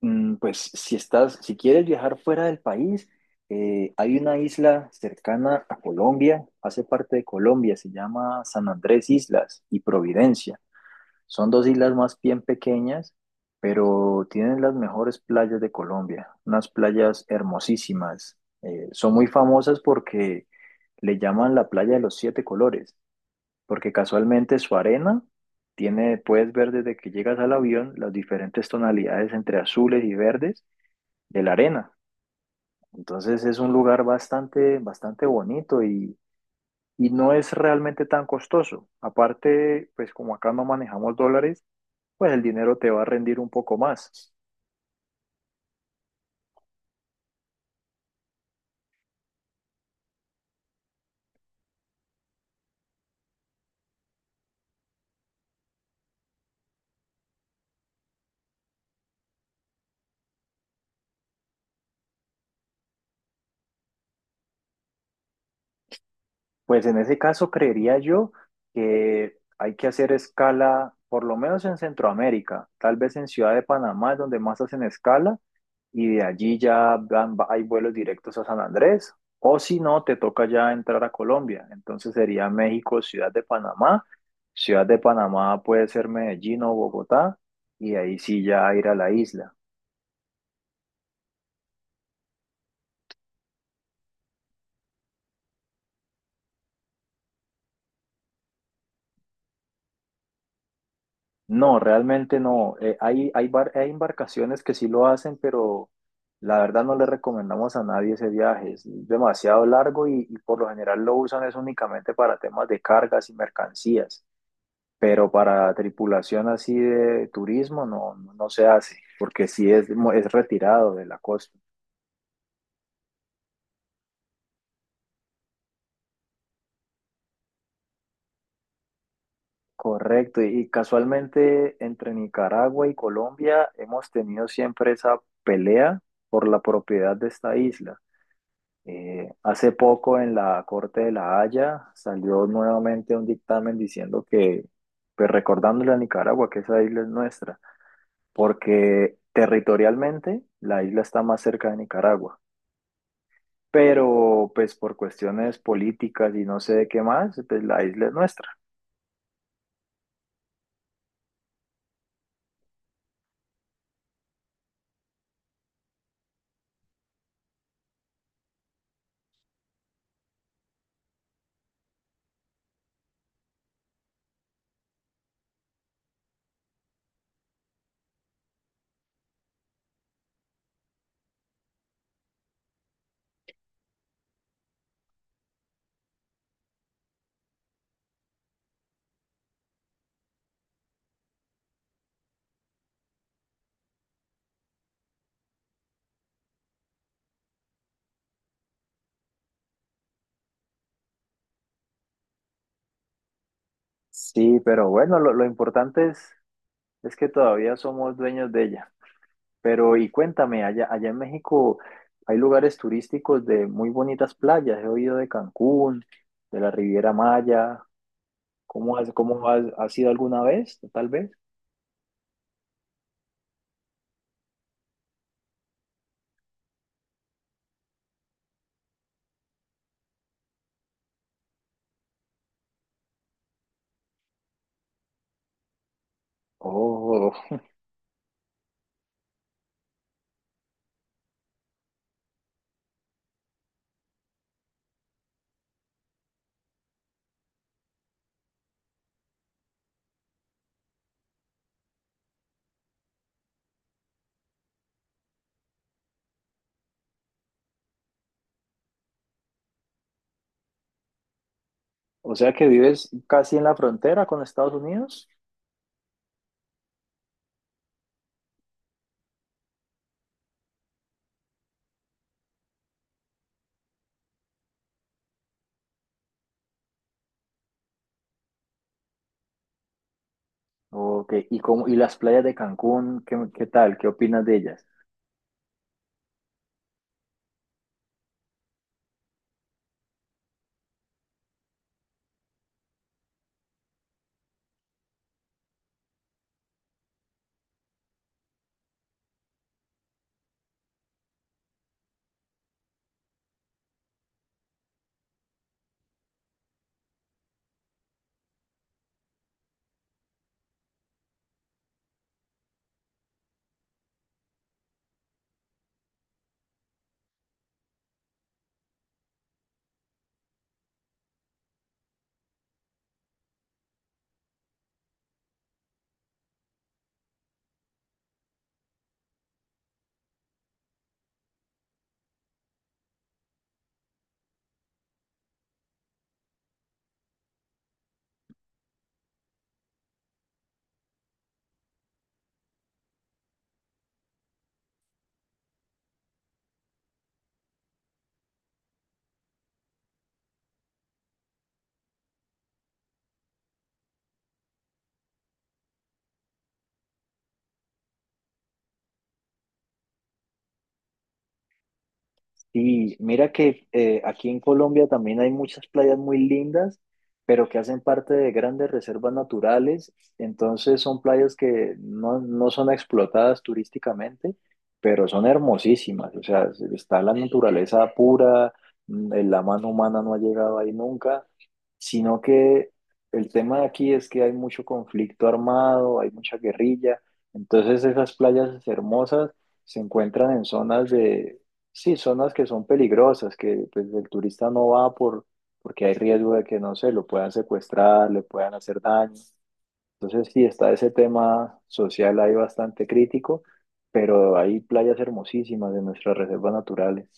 Pues si quieres viajar fuera del país, hay una isla cercana a Colombia, hace parte de Colombia, se llama San Andrés Islas y Providencia. Son dos islas más bien pequeñas, pero tienen las mejores playas de Colombia, unas playas hermosísimas. Son muy famosas porque le llaman la playa de los siete colores, porque casualmente su arena tiene, puedes ver desde que llegas al avión las diferentes tonalidades entre azules y verdes de la arena. Entonces es un lugar bastante, bastante bonito y no es realmente tan costoso. Aparte, pues como acá no manejamos dólares, pues el dinero te va a rendir un poco más. Pues en ese caso creería yo que hay que hacer escala, por lo menos en Centroamérica, tal vez en Ciudad de Panamá es donde más hacen escala, y de allí ya hay vuelos directos a San Andrés, o si no, te toca ya entrar a Colombia. Entonces sería México, Ciudad de Panamá. Ciudad de Panamá puede ser Medellín o Bogotá, y ahí sí ya ir a la isla. No, realmente no. Hay embarcaciones que sí lo hacen, pero la verdad no le recomendamos a nadie ese viaje. Es demasiado largo y por lo general lo usan es únicamente para temas de cargas y mercancías. Pero para tripulación así de turismo no, no, no se hace, porque sí es retirado de la costa. Correcto, y casualmente entre Nicaragua y Colombia hemos tenido siempre esa pelea por la propiedad de esta isla. Hace poco en la Corte de La Haya salió nuevamente un dictamen diciendo que, pues recordándole a Nicaragua que esa isla es nuestra, porque territorialmente la isla está más cerca de Nicaragua, pero pues por cuestiones políticas y no sé de qué más, pues la isla es nuestra. Sí, pero bueno, lo importante es que todavía somos dueños de ella. Pero y cuéntame, allá en México hay lugares turísticos de muy bonitas playas. He oído de Cancún, de la Riviera Maya. ¿Has ido alguna vez, tal vez? Oh, o sea que vives casi en la frontera con Estados Unidos. Ok, ¿y cómo, y las playas de Cancún, qué, qué tal? ¿Qué opinas de ellas? Sí, mira que aquí en Colombia también hay muchas playas muy lindas, pero que hacen parte de grandes reservas naturales. Entonces son playas que no son explotadas turísticamente, pero son hermosísimas. O sea, está la naturaleza pura, la mano humana no ha llegado ahí nunca, sino que el tema de aquí es que hay mucho conflicto armado, hay mucha guerrilla. Entonces esas playas hermosas se encuentran en zonas de... sí, zonas que son peligrosas, que pues, el turista no va por, porque hay riesgo de que, no sé, lo puedan secuestrar, le puedan hacer daño. Entonces, sí, está ese tema social ahí bastante crítico, pero hay playas hermosísimas de nuestras reservas naturales.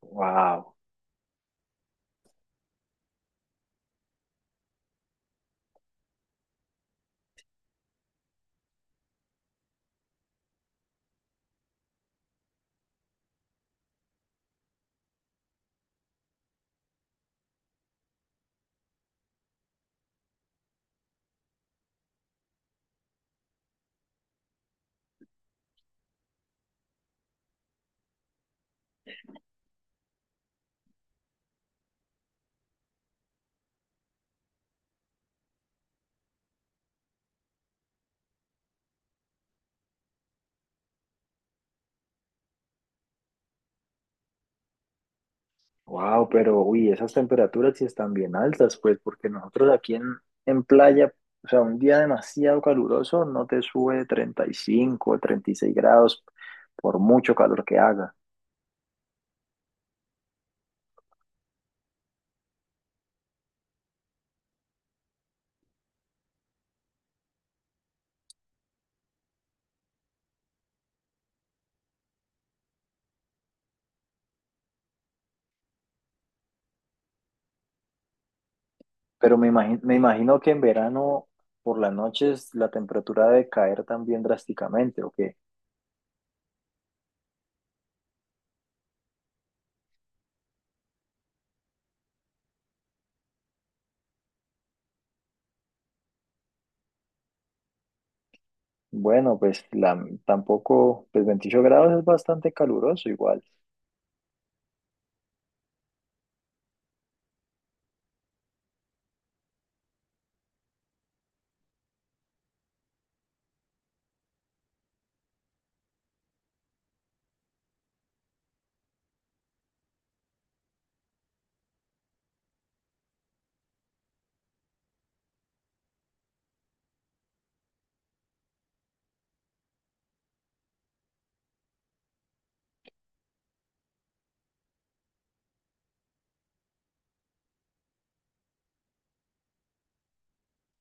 Wow, wow, pero uy, esas temperaturas sí están bien altas, pues, porque nosotros aquí en playa, o sea, un día demasiado caluroso no te sube 35 o 36 grados por mucho calor que haga. Pero me imagino que en verano por las noches la temperatura debe caer también drásticamente, ¿o qué? Bueno, pues tampoco, pues 28 grados es bastante caluroso igual.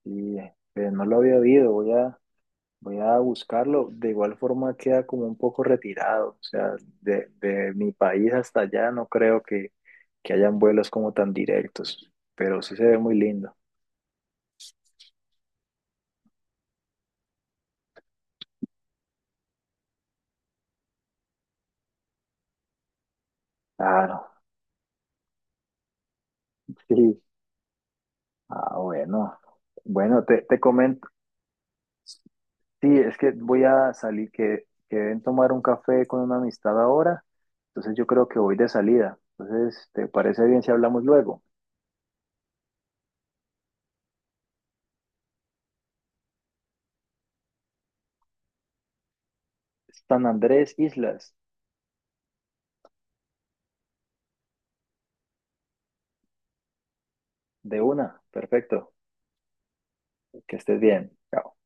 Y pues, no lo había oído, voy a buscarlo. De igual forma queda como un poco retirado, o sea, de mi país hasta allá no creo que hayan vuelos como tan directos, pero sí se ve muy lindo. Claro, sí. Ah, bueno. Bueno, te comento. Sí, es que voy a salir, que deben tomar un café con una amistad ahora, entonces yo creo que voy de salida. Entonces, ¿te parece bien si hablamos luego? San Andrés Islas, de una, perfecto, que estés bien. Chao.